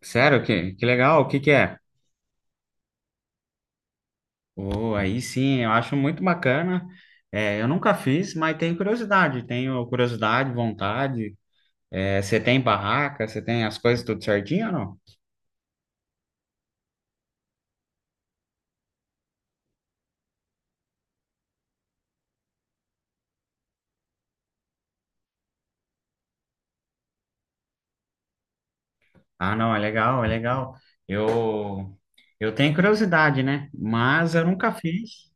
Sério, que legal, o que que é? Oh, aí sim, eu acho muito bacana. É, eu nunca fiz, mas tenho curiosidade, vontade. É, você tem barraca, você tem as coisas tudo certinho ou não? Ah, não, é legal, é legal. Eu, eu tenho curiosidade, né? Mas eu nunca fiz.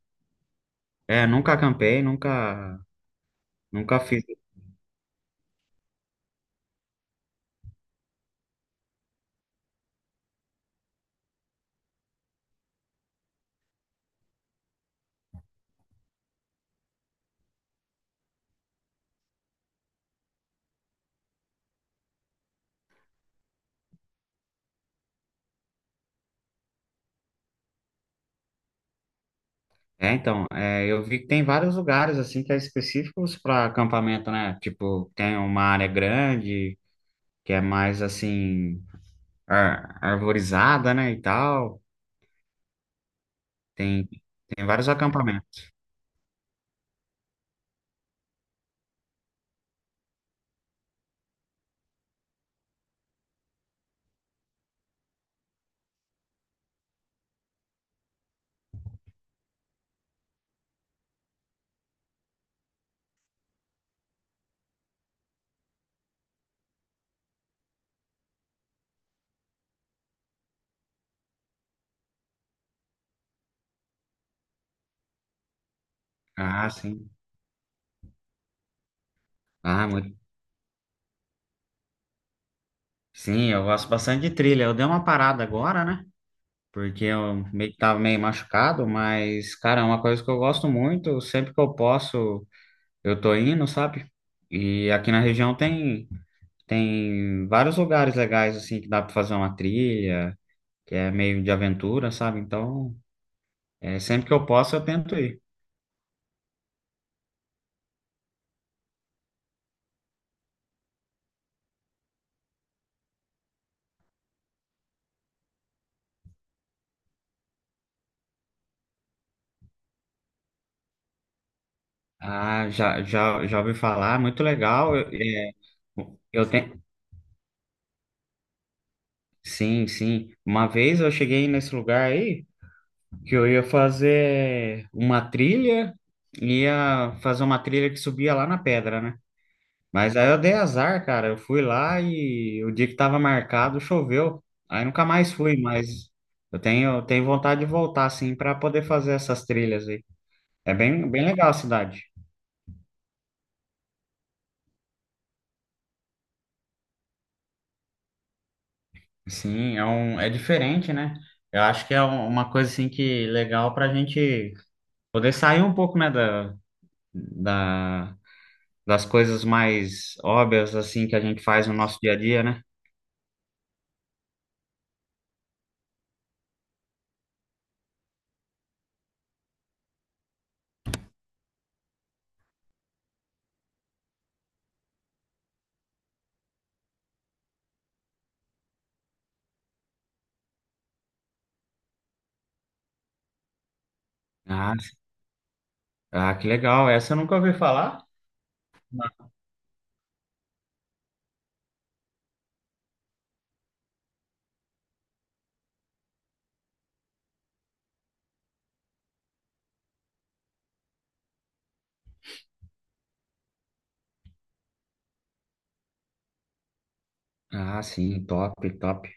É, nunca acampei, nunca, nunca fiz. Eu vi que tem vários lugares assim que é específicos para acampamento, né? Tipo, tem uma área grande que é mais assim arvorizada, né, e tal. Tem, tem vários acampamentos. Ah, sim. Ah, muito. Sim, eu gosto bastante de trilha. Eu dei uma parada agora, né? Porque eu meio que tava meio machucado, mas, cara, é uma coisa que eu gosto muito. Sempre que eu posso, eu tô indo, sabe? E aqui na região tem vários lugares legais, assim, que dá pra fazer uma trilha, que é meio de aventura, sabe? Então, é, sempre que eu posso, eu tento ir. Ah, já, já, já ouvi falar, muito legal. Eu, é, eu tenho. Sim, sim. Uma vez eu cheguei nesse lugar aí que eu ia fazer uma trilha, ia fazer uma trilha que subia lá na pedra, né? Mas aí eu dei azar, cara. Eu fui lá e o dia que tava marcado choveu. Aí nunca mais fui, mas eu tenho vontade de voltar, assim, para poder fazer essas trilhas aí. É bem, bem legal a cidade. Sim, é um, é diferente, né? Eu acho que é uma coisa assim que legal para a gente poder sair um pouco, né, da, das coisas mais óbvias assim que a gente faz no nosso dia a dia, né? Ah, ah, que legal. Essa eu nunca ouvi falar. Ah, sim, top, top.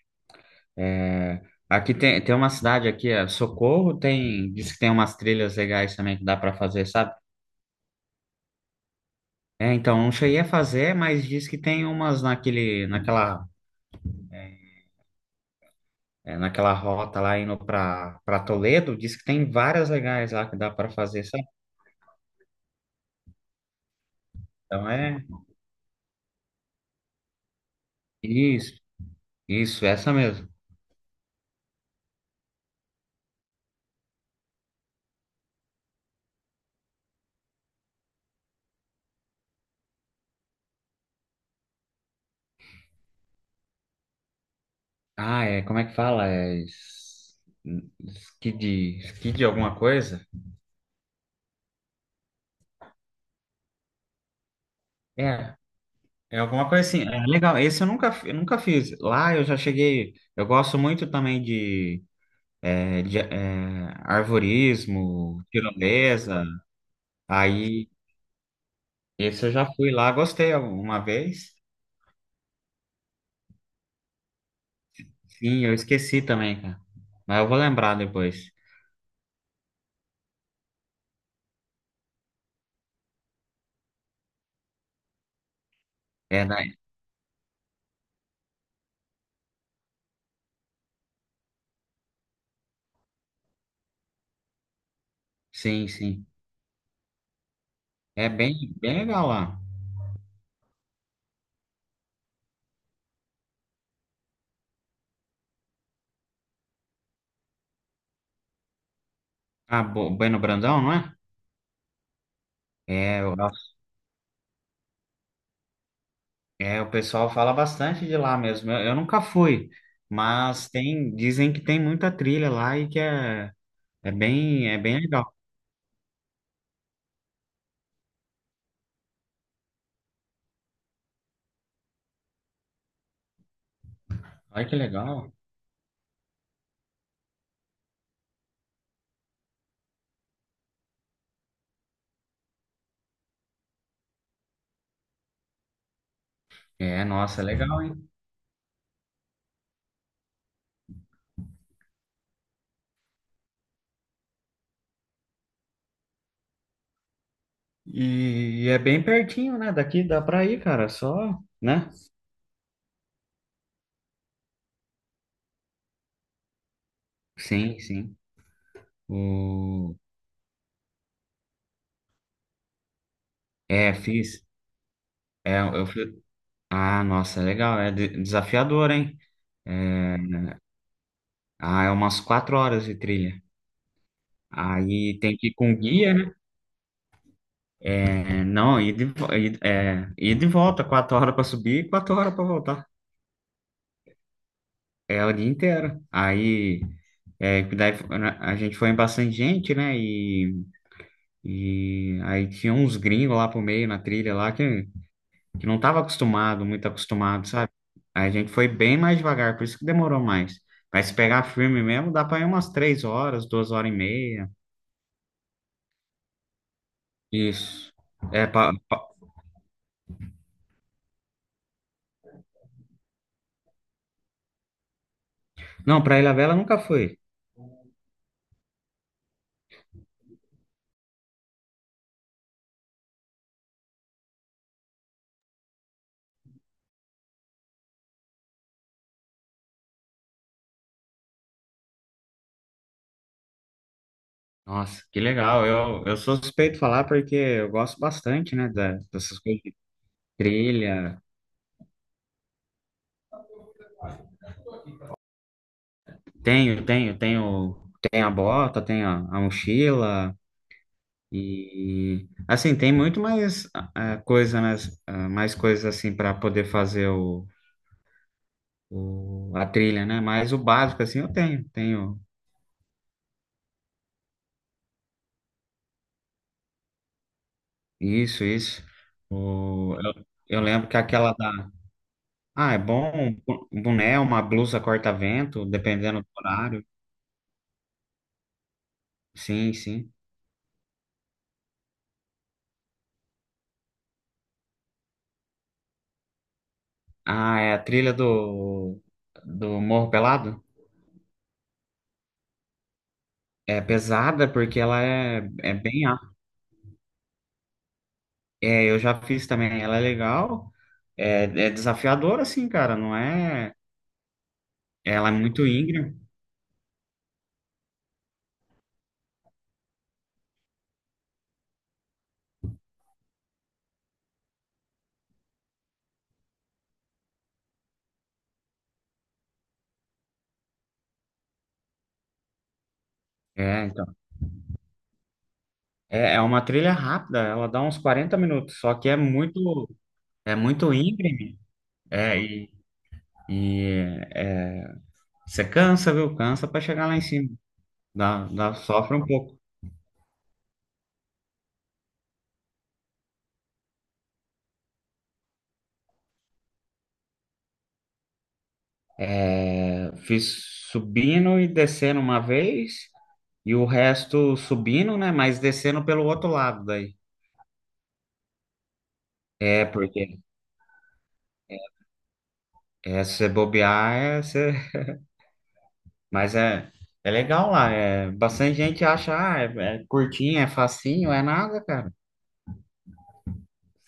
É, aqui tem uma cidade aqui, é Socorro, tem, diz que tem umas trilhas legais também que dá para fazer, sabe? É, então, não cheguei a fazer, mas diz que tem umas naquela é, naquela rota lá indo para Toledo, diz que tem várias legais lá que dá para fazer, sabe? Então é isso, isso, essa mesmo. Ah, é, como é que fala? Skid, skid alguma coisa? É, é alguma coisa assim. É legal, esse eu nunca, eu nunca fiz. Lá eu já cheguei, eu gosto muito também é, de, é, arvorismo, tirolesa, aí esse eu já fui lá, gostei uma vez. Sim, eu esqueci também, cara. Mas eu vou lembrar depois. É, da... sim, sim. É bem, bem legal lá. Ah, Bo- Bueno Brandão, não é? É, eu- acho- o pessoal fala bastante de lá mesmo. Eu nunca fui, mas tem, dizem que tem muita trilha lá e que é, é bem legal. Olha que legal. É, nossa, é legal, hein? E é bem pertinho, né? Daqui dá pra ir, cara, só, né? Sim, sim. O... É, fiz. É, eu fui. Ah, nossa, é legal. Desafiador, hein? É, ah, é umas 4 horas de trilha. Aí tem que ir com guia, né? É, não, ir de, vo- ir, é, ir de volta, 4 horas para subir e 4 horas para voltar. É o dia inteiro. Aí, é, daí a gente foi em bastante gente, né? E aí tinha uns gringos lá pro meio na trilha lá que não estava acostumado, muito acostumado, sabe? Aí a gente foi bem mais devagar, por isso que demorou mais. Mas se pegar firme mesmo, dá para ir umas 3 horas, 2 horas e meia. Isso. É, pa, pa... Não, para Ilha nunca fui. Nossa, que legal. Eu sou suspeito de falar porque eu gosto bastante, né, dessas coisas de trilha. Tenho, tenho, tenho, tenho a bota, tenho a mochila. E assim, tem muito mais ah, ah, coisa, né, ah, mais coisas assim para poder fazer a trilha, né? Mas o básico, assim, eu tenho. Tenho isso, isso. Eu lembro que aquela da... Ah, é bom, um boné, uma blusa corta-vento, dependendo do horário. Sim, sim. Ah, é a trilha do, do Morro Pelado? É pesada porque ela é, é bem... a- É, eu já fiz também, ela é legal. É, é desafiadora, assim, cara, não é... Ela é muito íngreme. É, É, é uma trilha rápida, ela dá uns 40 minutos, só que é muito íngreme. É, e é, você cansa, viu? Cansa para chegar lá em cima. Dá, dá, sofre um pouco. É, fiz subindo e descendo uma vez, e o resto subindo, né? Mas descendo pelo outro lado daí. É, porque é, se você bobear, é, você... mas é, é legal lá. É, bastante gente acha, ah, é, é curtinho, é facinho, é nada, cara.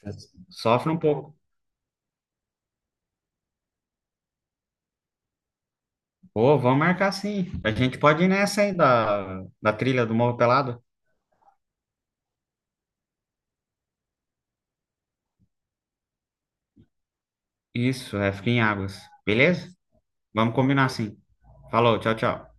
Você sofre um pouco. Ô, vamos marcar sim. A gente pode ir nessa aí da trilha do Morro Pelado. Isso, é, fica em Águas. Beleza? Vamos combinar sim. Falou, tchau, tchau.